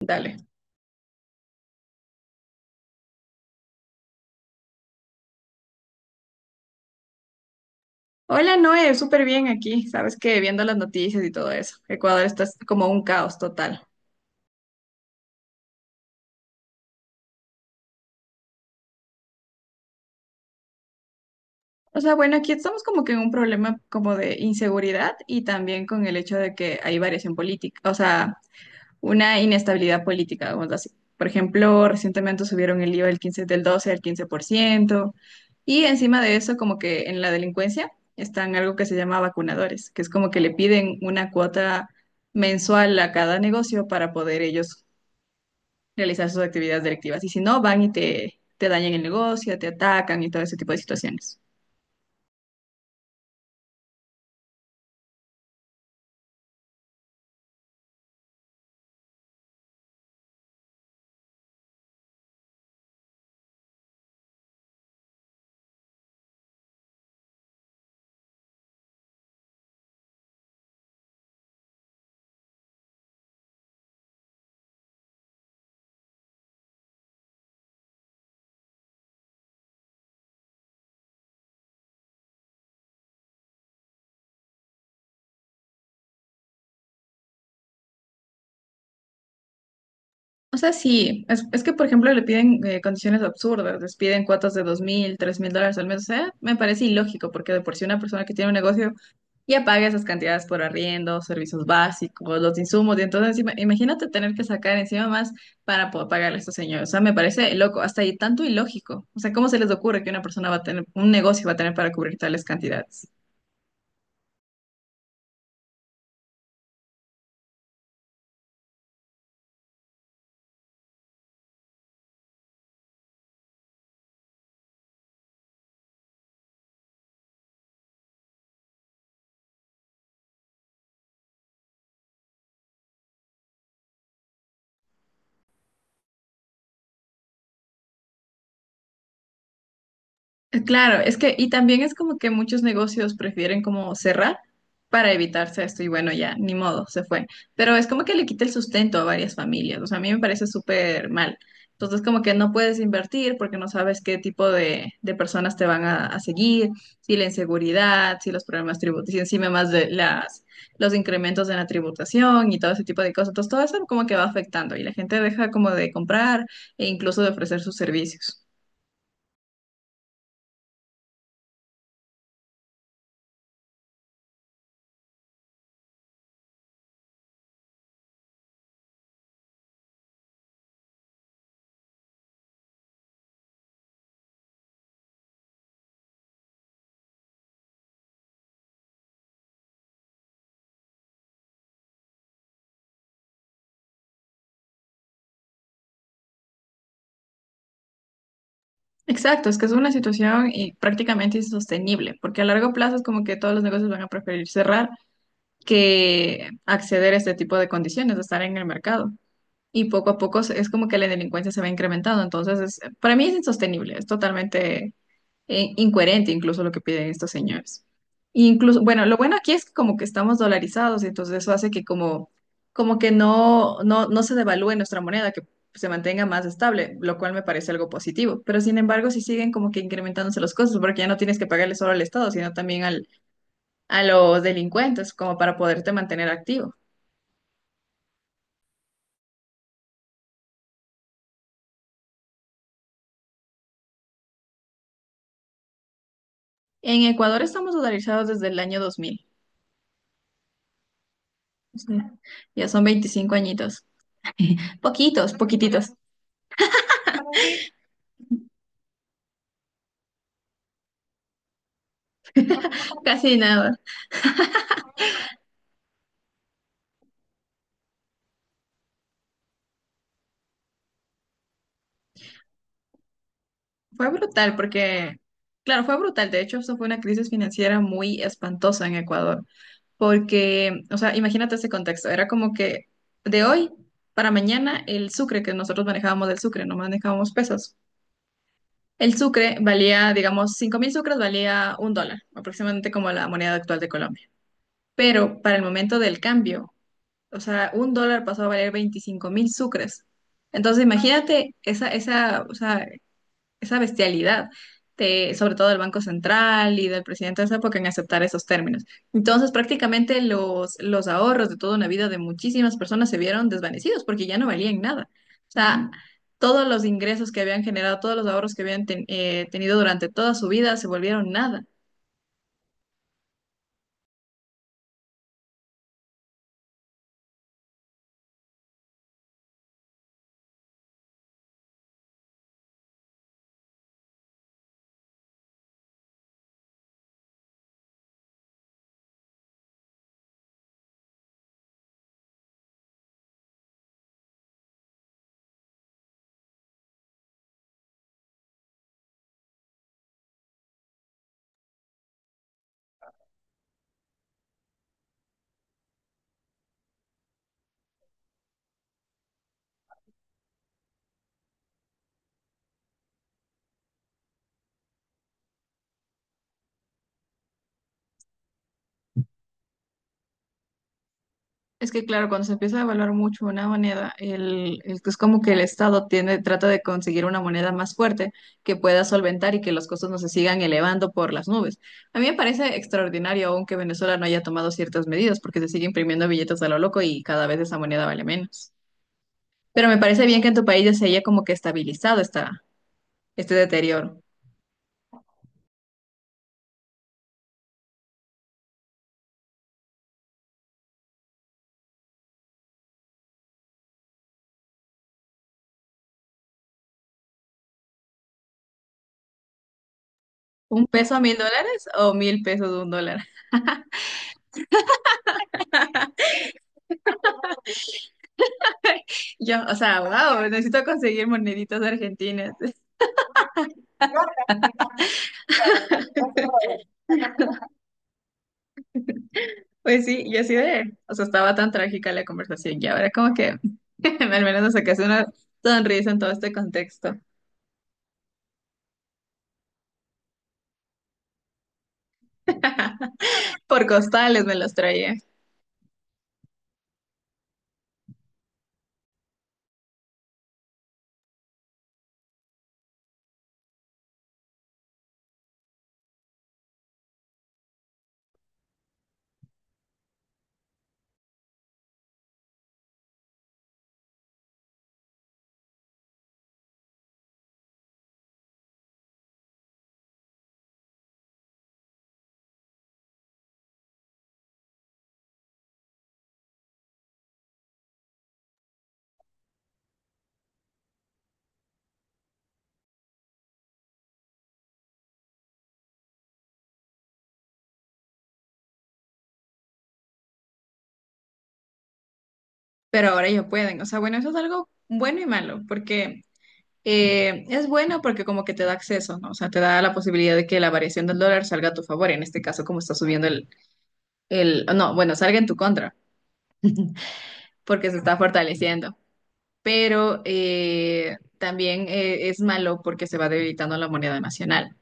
Dale. Hola, Noé, súper bien aquí. Sabes que viendo las noticias y todo eso, Ecuador está como un caos total. O sea, bueno, aquí estamos como que en un problema como de inseguridad y también con el hecho de que hay variación política, o sea, una inestabilidad política, vamos a decir. Por ejemplo, recientemente subieron el IVA del 12 al 15%, y encima de eso, como que en la delincuencia están algo que se llama vacunadores, que es como que le piden una cuota mensual a cada negocio para poder ellos realizar sus actividades delictivas. Y si no, van y te dañan el negocio, te atacan y todo ese tipo de situaciones. O sea, sí, es que, por ejemplo, le piden condiciones absurdas, les piden cuotas de 2.000, 3.000 dólares al mes. O sea, me parece ilógico porque de por sí una persona que tiene un negocio ya paga esas cantidades por arriendo, servicios básicos, los insumos. Y entonces, imagínate tener que sacar encima más para poder pagarle a estos señores. O sea, me parece loco, hasta ahí tanto ilógico. O sea, ¿cómo se les ocurre que una persona va a tener, un negocio va a tener para cubrir tales cantidades? Claro, es que, y también es como que muchos negocios prefieren como cerrar para evitarse esto, y bueno, ya, ni modo, se fue. Pero es como que le quita el sustento a varias familias, o sea, a mí me parece súper mal. Entonces, como que no puedes invertir porque no sabes qué tipo de personas te van a seguir, si la inseguridad, si los problemas tributarios, si encima más los incrementos en la tributación y todo ese tipo de cosas. Entonces, todo eso como que va afectando y la gente deja como de comprar e incluso de ofrecer sus servicios. Exacto, es que es una situación prácticamente insostenible, porque a largo plazo es como que todos los negocios van a preferir cerrar que acceder a este tipo de condiciones, de estar en el mercado. Y poco a poco es como que la delincuencia se va incrementando, entonces para mí es insostenible, es totalmente incoherente incluso lo que piden estos señores. Incluso, bueno, lo bueno aquí es que como que estamos dolarizados, entonces eso hace que como que no se devalúe nuestra moneda, que se mantenga más estable, lo cual me parece algo positivo. Pero sin embargo, si siguen como que incrementándose los costos, porque ya no tienes que pagarle solo al Estado, sino también a los delincuentes, como para poderte mantener activo. En Ecuador estamos dolarizados desde el año 2000. O sea, ya son 25 añitos. Poquitos, poquititos, casi nada. Fue brutal porque, claro, fue brutal. De hecho, eso fue una crisis financiera muy espantosa en Ecuador, porque, o sea, imagínate ese contexto. Era como que de hoy para mañana el sucre que nosotros manejábamos del sucre, no manejábamos pesos. El sucre valía, digamos, 5.000 sucres valía un dólar, aproximadamente como la moneda actual de Colombia. Pero para el momento del cambio, o sea, un dólar pasó a valer 25.000 sucres. Entonces, imagínate o sea, esa bestialidad, de, sobre todo del Banco Central y del presidente de esa época en aceptar esos términos. Entonces, prácticamente los ahorros de toda una vida de muchísimas personas se vieron desvanecidos porque ya no valían nada. O sea, todos los ingresos que habían generado, todos los ahorros que habían tenido durante toda su vida se volvieron nada. Es que claro, cuando se empieza a evaluar mucho una moneda, es como que el Estado tiene, trata de conseguir una moneda más fuerte que pueda solventar y que los costos no se sigan elevando por las nubes. A mí me parece extraordinario aún que Venezuela no haya tomado ciertas medidas porque se sigue imprimiendo billetes a lo loco y cada vez esa moneda vale menos. Pero me parece bien que en tu país ya se haya como que estabilizado este deterioro. ¿Un peso a 1.000 dólares o 1.000 pesos a un dólar? Yo, o sea, wow, necesito conseguir moneditas argentinas. Pues sí, yo así de, o sea, estaba tan trágica la conversación y ahora como que al menos me sacaste una sonrisa en todo este contexto. Por costales me los traía, pero ahora ya pueden. O sea, bueno, eso es algo bueno y malo, porque es bueno porque como que te da acceso, ¿no? O sea, te da la posibilidad de que la variación del dólar salga a tu favor, en este caso como está subiendo no, bueno, salga en tu contra, porque se está fortaleciendo. Pero también es malo porque se va debilitando la moneda nacional.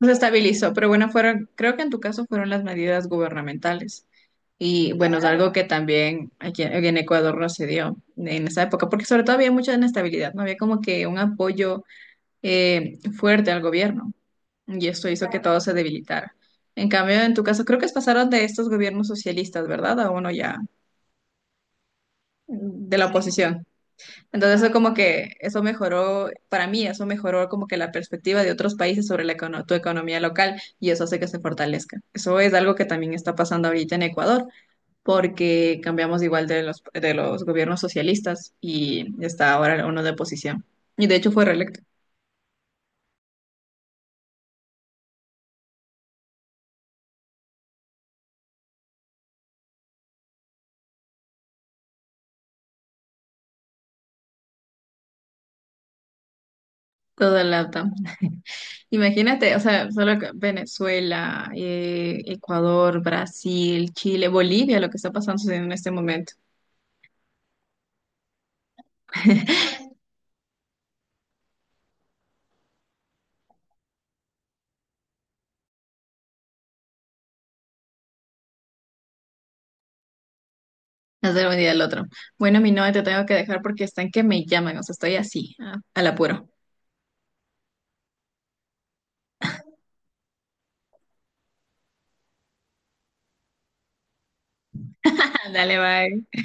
Se estabilizó, pero bueno, fueron, creo que en tu caso fueron las medidas gubernamentales. Y bueno, es algo que también aquí en Ecuador no se dio en esa época, porque sobre todo había mucha inestabilidad, no había como que un apoyo fuerte al gobierno, y esto hizo que todo se debilitara. En cambio, en tu caso, creo que pasaron de estos gobiernos socialistas, ¿verdad? A uno ya de la oposición. Entonces eso como que, eso mejoró, para mí eso mejoró como que la perspectiva de otros países sobre tu economía local y eso hace que se fortalezca. Eso es algo que también está pasando ahorita en Ecuador, porque cambiamos igual de los gobiernos socialistas y está ahora uno de oposición. Y de hecho fue reelecto. Todo el lado. Imagínate, o sea, solo que Venezuela, Ecuador, Brasil, Chile, Bolivia, lo que está pasando en este momento. No sé un día del otro. Bueno, mi novia, te tengo que dejar porque están que me llaman, o sea, estoy así, al apuro. Dale, bye.